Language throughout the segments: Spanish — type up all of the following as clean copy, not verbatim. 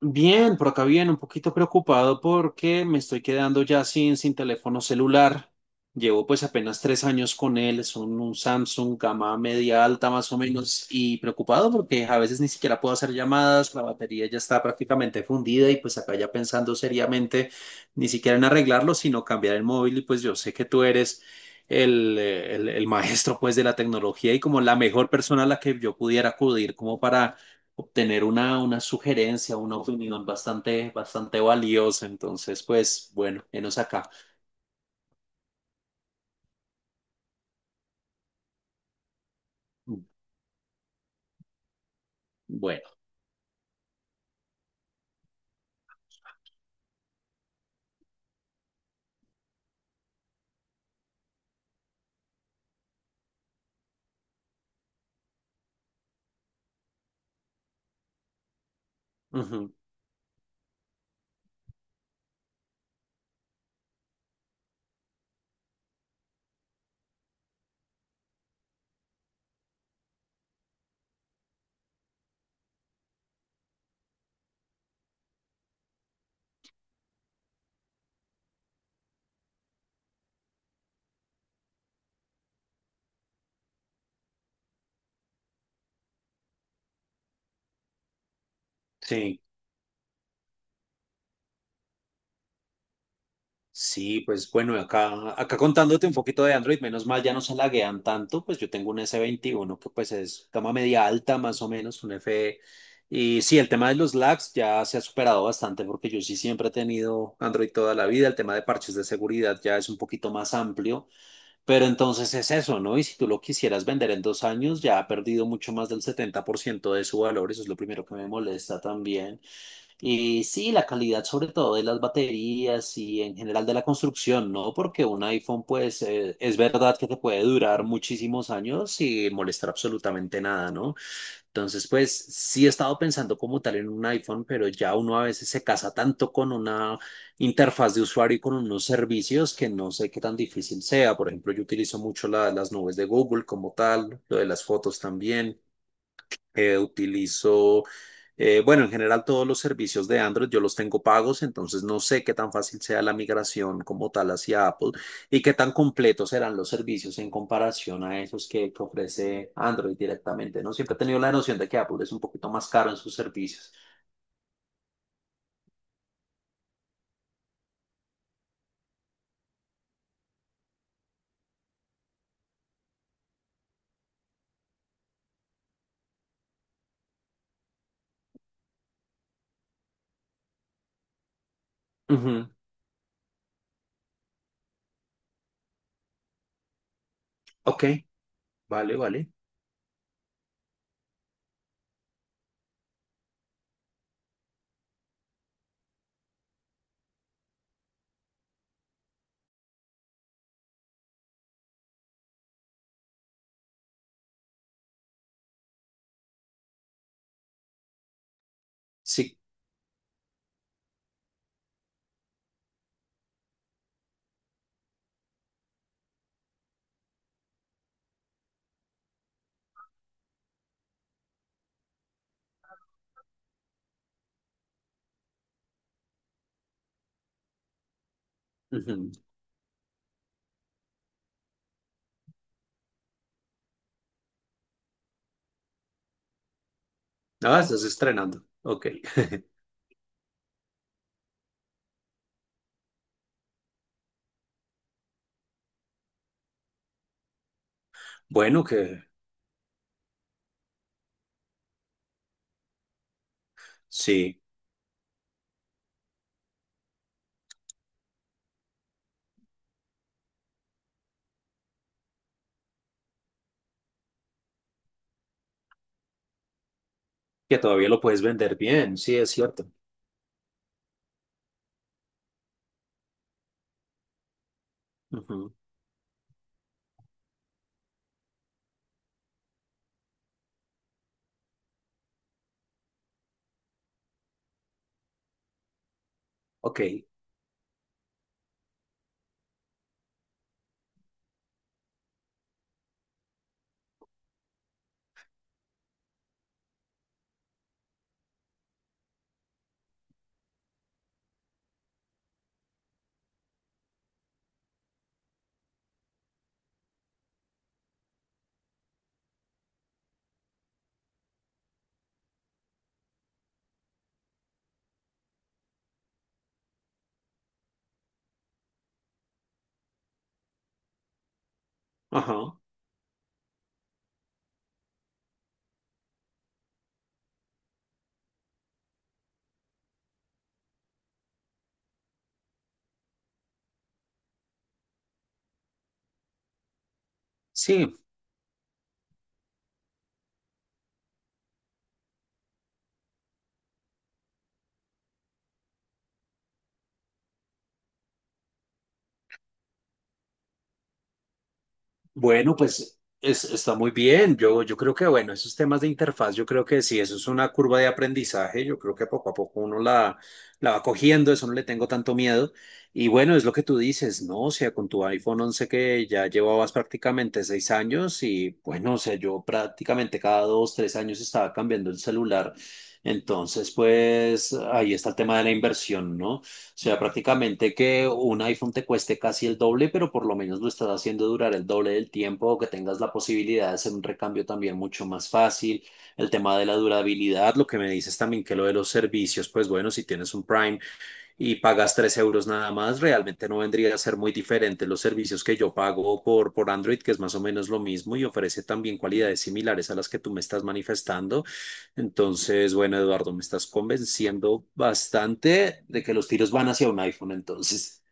Bien, por acá bien, un poquito preocupado porque me estoy quedando ya sin teléfono celular. Llevo pues apenas 3 años con él, es un Samsung gama media alta más o menos y preocupado porque a veces ni siquiera puedo hacer llamadas, la batería ya está prácticamente fundida y pues acá ya pensando seriamente ni siquiera en arreglarlo, sino cambiar el móvil y pues yo sé que tú eres el maestro pues de la tecnología y como la mejor persona a la que yo pudiera acudir como para obtener una sugerencia, una opinión bastante valiosa. Entonces, pues bueno, enos acá. Bueno, ujú, sí. Sí, pues bueno, acá contándote un poquito de Android, menos mal ya no se laguean tanto, pues yo tengo un s 21 que pues es gama media alta más o menos, un F. Y sí, el tema de los lags ya se ha superado bastante porque yo sí siempre he tenido Android toda la vida, el tema de parches de seguridad ya es un poquito más amplio. Pero entonces es eso, ¿no? Y si tú lo quisieras vender en 2 años, ya ha perdido mucho más del 70% de su valor, eso es lo primero que me molesta también. Y sí, la calidad sobre todo de las baterías y en general de la construcción, ¿no? Porque un iPhone, pues, es verdad que te puede durar muchísimos años sin molestar absolutamente nada, ¿no? Entonces, pues sí he estado pensando como tal en un iPhone, pero ya uno a veces se casa tanto con una interfaz de usuario y con unos servicios que no sé qué tan difícil sea. Por ejemplo, yo utilizo mucho las nubes de Google como tal, lo de las fotos también. Utilizo, bueno, en general todos los servicios de Android yo los tengo pagos, entonces no sé qué tan fácil sea la migración como tal hacia Apple y qué tan completos serán los servicios en comparación a esos que ofrece Android directamente, ¿no? Siempre he tenido la noción de que Apple es un poquito más caro en sus servicios. Ujú. Ok, vale, vale. Sí. Ujú. Ah, estás estrenando. Ok. Bueno, que sí, que todavía lo puedes vender bien, sí, es cierto. Ujú. Ok. Ajá. Sí. Bueno, pues está muy bien. Yo creo que, bueno, esos temas de interfaz, yo creo que sí. Eso es una curva de aprendizaje, yo creo que poco a poco la va cogiendo, eso no le tengo tanto miedo. Y bueno, es lo que tú dices, ¿no? O sea, con tu iPhone 11 que ya llevabas prácticamente 6 años y bueno, o sea, yo prácticamente cada dos, 3 años estaba cambiando el celular. Entonces, pues ahí está el tema de la inversión, ¿no? Sea, prácticamente que un iPhone te cueste casi el doble, pero por lo menos lo estás haciendo durar el doble del tiempo o que tengas la posibilidad de hacer un recambio también mucho más fácil. El tema de la durabilidad, lo que me dices también que lo de los servicios, pues bueno, si tienes un Prime y pagas 3 euros nada más, realmente no vendría a ser muy diferente los servicios que yo pago por Android, que es más o menos lo mismo y ofrece también cualidades similares a las que tú me estás manifestando. Entonces, bueno, Eduardo, me estás convenciendo bastante de que los tiros van hacia un iPhone, entonces.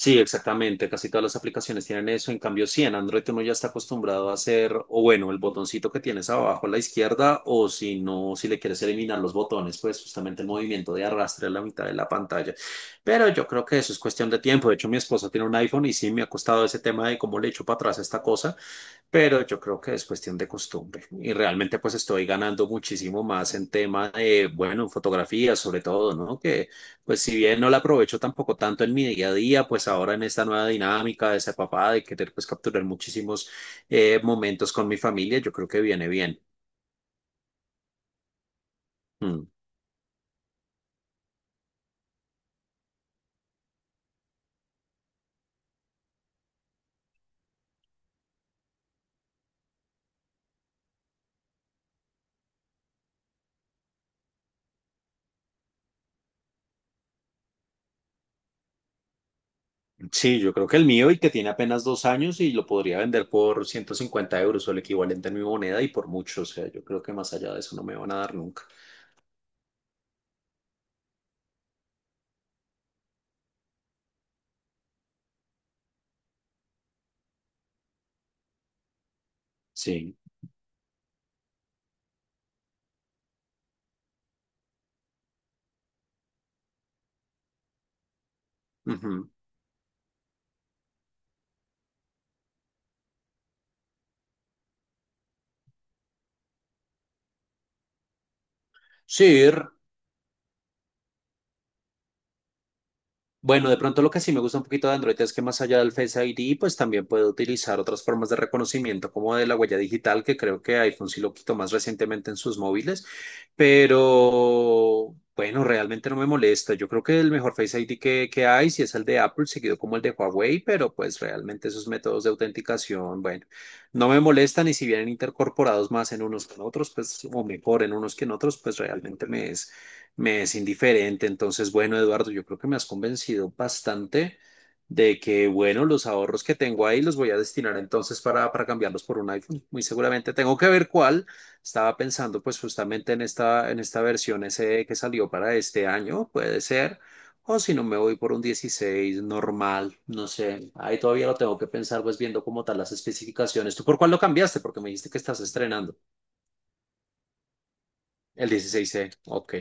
Sí, exactamente. Casi todas las aplicaciones tienen eso. En cambio, sí, en Android uno ya está acostumbrado a hacer, o bueno, el botoncito que tienes abajo a la izquierda, o si no, si le quieres eliminar los botones, pues justamente el movimiento de arrastre a la mitad de la pantalla. Pero yo creo que eso es cuestión de tiempo. De hecho, mi esposa tiene un iPhone y sí me ha costado ese tema de cómo le echo para atrás esta cosa, pero yo creo que es cuestión de costumbre y realmente pues estoy ganando muchísimo más en tema de, bueno, en fotografía sobre todo, ¿no? Que pues si bien no la aprovecho tampoco tanto en mi día a día, pues ahora en esta nueva dinámica de ser papá, de querer pues capturar muchísimos momentos con mi familia, yo creo que viene bien. Mm. Sí, yo creo que el mío y que tiene apenas 2 años y lo podría vender por 150 euros o el equivalente en mi moneda y por mucho, o sea, yo creo que más allá de eso no me van a dar nunca. Sí. Ujú. Sí, r- Bueno, de pronto lo que sí me gusta un poquito de Android es que más allá del Face ID, pues también puedo utilizar otras formas de reconocimiento como de la huella digital, que creo que iPhone sí lo quitó más recientemente en sus móviles, pero bueno, realmente no me molesta. Yo creo que el mejor Face ID que hay sí es el de Apple, seguido como el de Huawei, pero pues realmente esos métodos de autenticación, bueno, no me molestan y si vienen intercorporados más en unos que en otros, pues, o mejor en unos que en otros, pues realmente me es indiferente. Entonces, bueno, Eduardo, yo creo que me has convencido bastante de que, bueno, los ahorros que tengo ahí los voy a destinar entonces para cambiarlos por un iPhone. Muy seguramente tengo que ver cuál. Estaba pensando pues justamente en en esta versión SE que salió para este año, puede ser. O si no, me voy por un 16 normal, no sé. Ahí todavía lo tengo que pensar, pues viendo como tal las especificaciones. ¿Tú por cuál lo cambiaste? Porque me dijiste que estás estrenando. El 16. C, ok.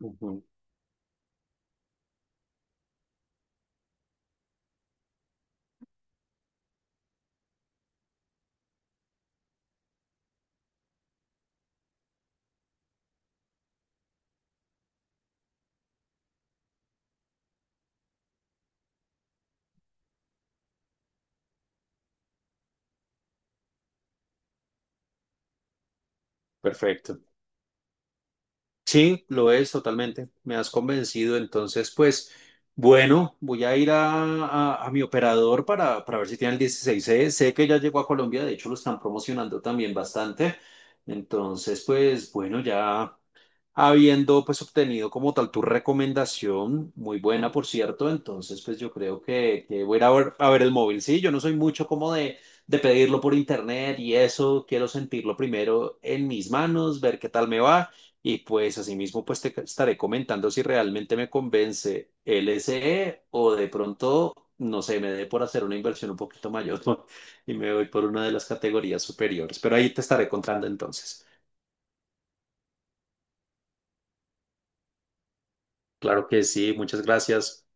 Ujú. Perfecto. Sí, lo es totalmente. Me has convencido. Entonces, pues, bueno, voy a ir a mi operador para ver si tiene el 16. C. Sé que ya llegó a Colombia, de hecho lo están promocionando también bastante. Entonces, pues, bueno, ya habiendo pues obtenido como tal tu recomendación, muy buena por cierto, entonces pues yo creo que voy a ir a ver el móvil, sí, yo no soy mucho como de pedirlo por internet y eso, quiero sentirlo primero en mis manos, ver qué tal me va y pues asimismo pues te estaré comentando si realmente me convence el SE o de pronto, no sé, me dé por hacer una inversión un poquito mayor y me voy por una de las categorías superiores, pero ahí te estaré contando entonces. Claro que sí, muchas gracias.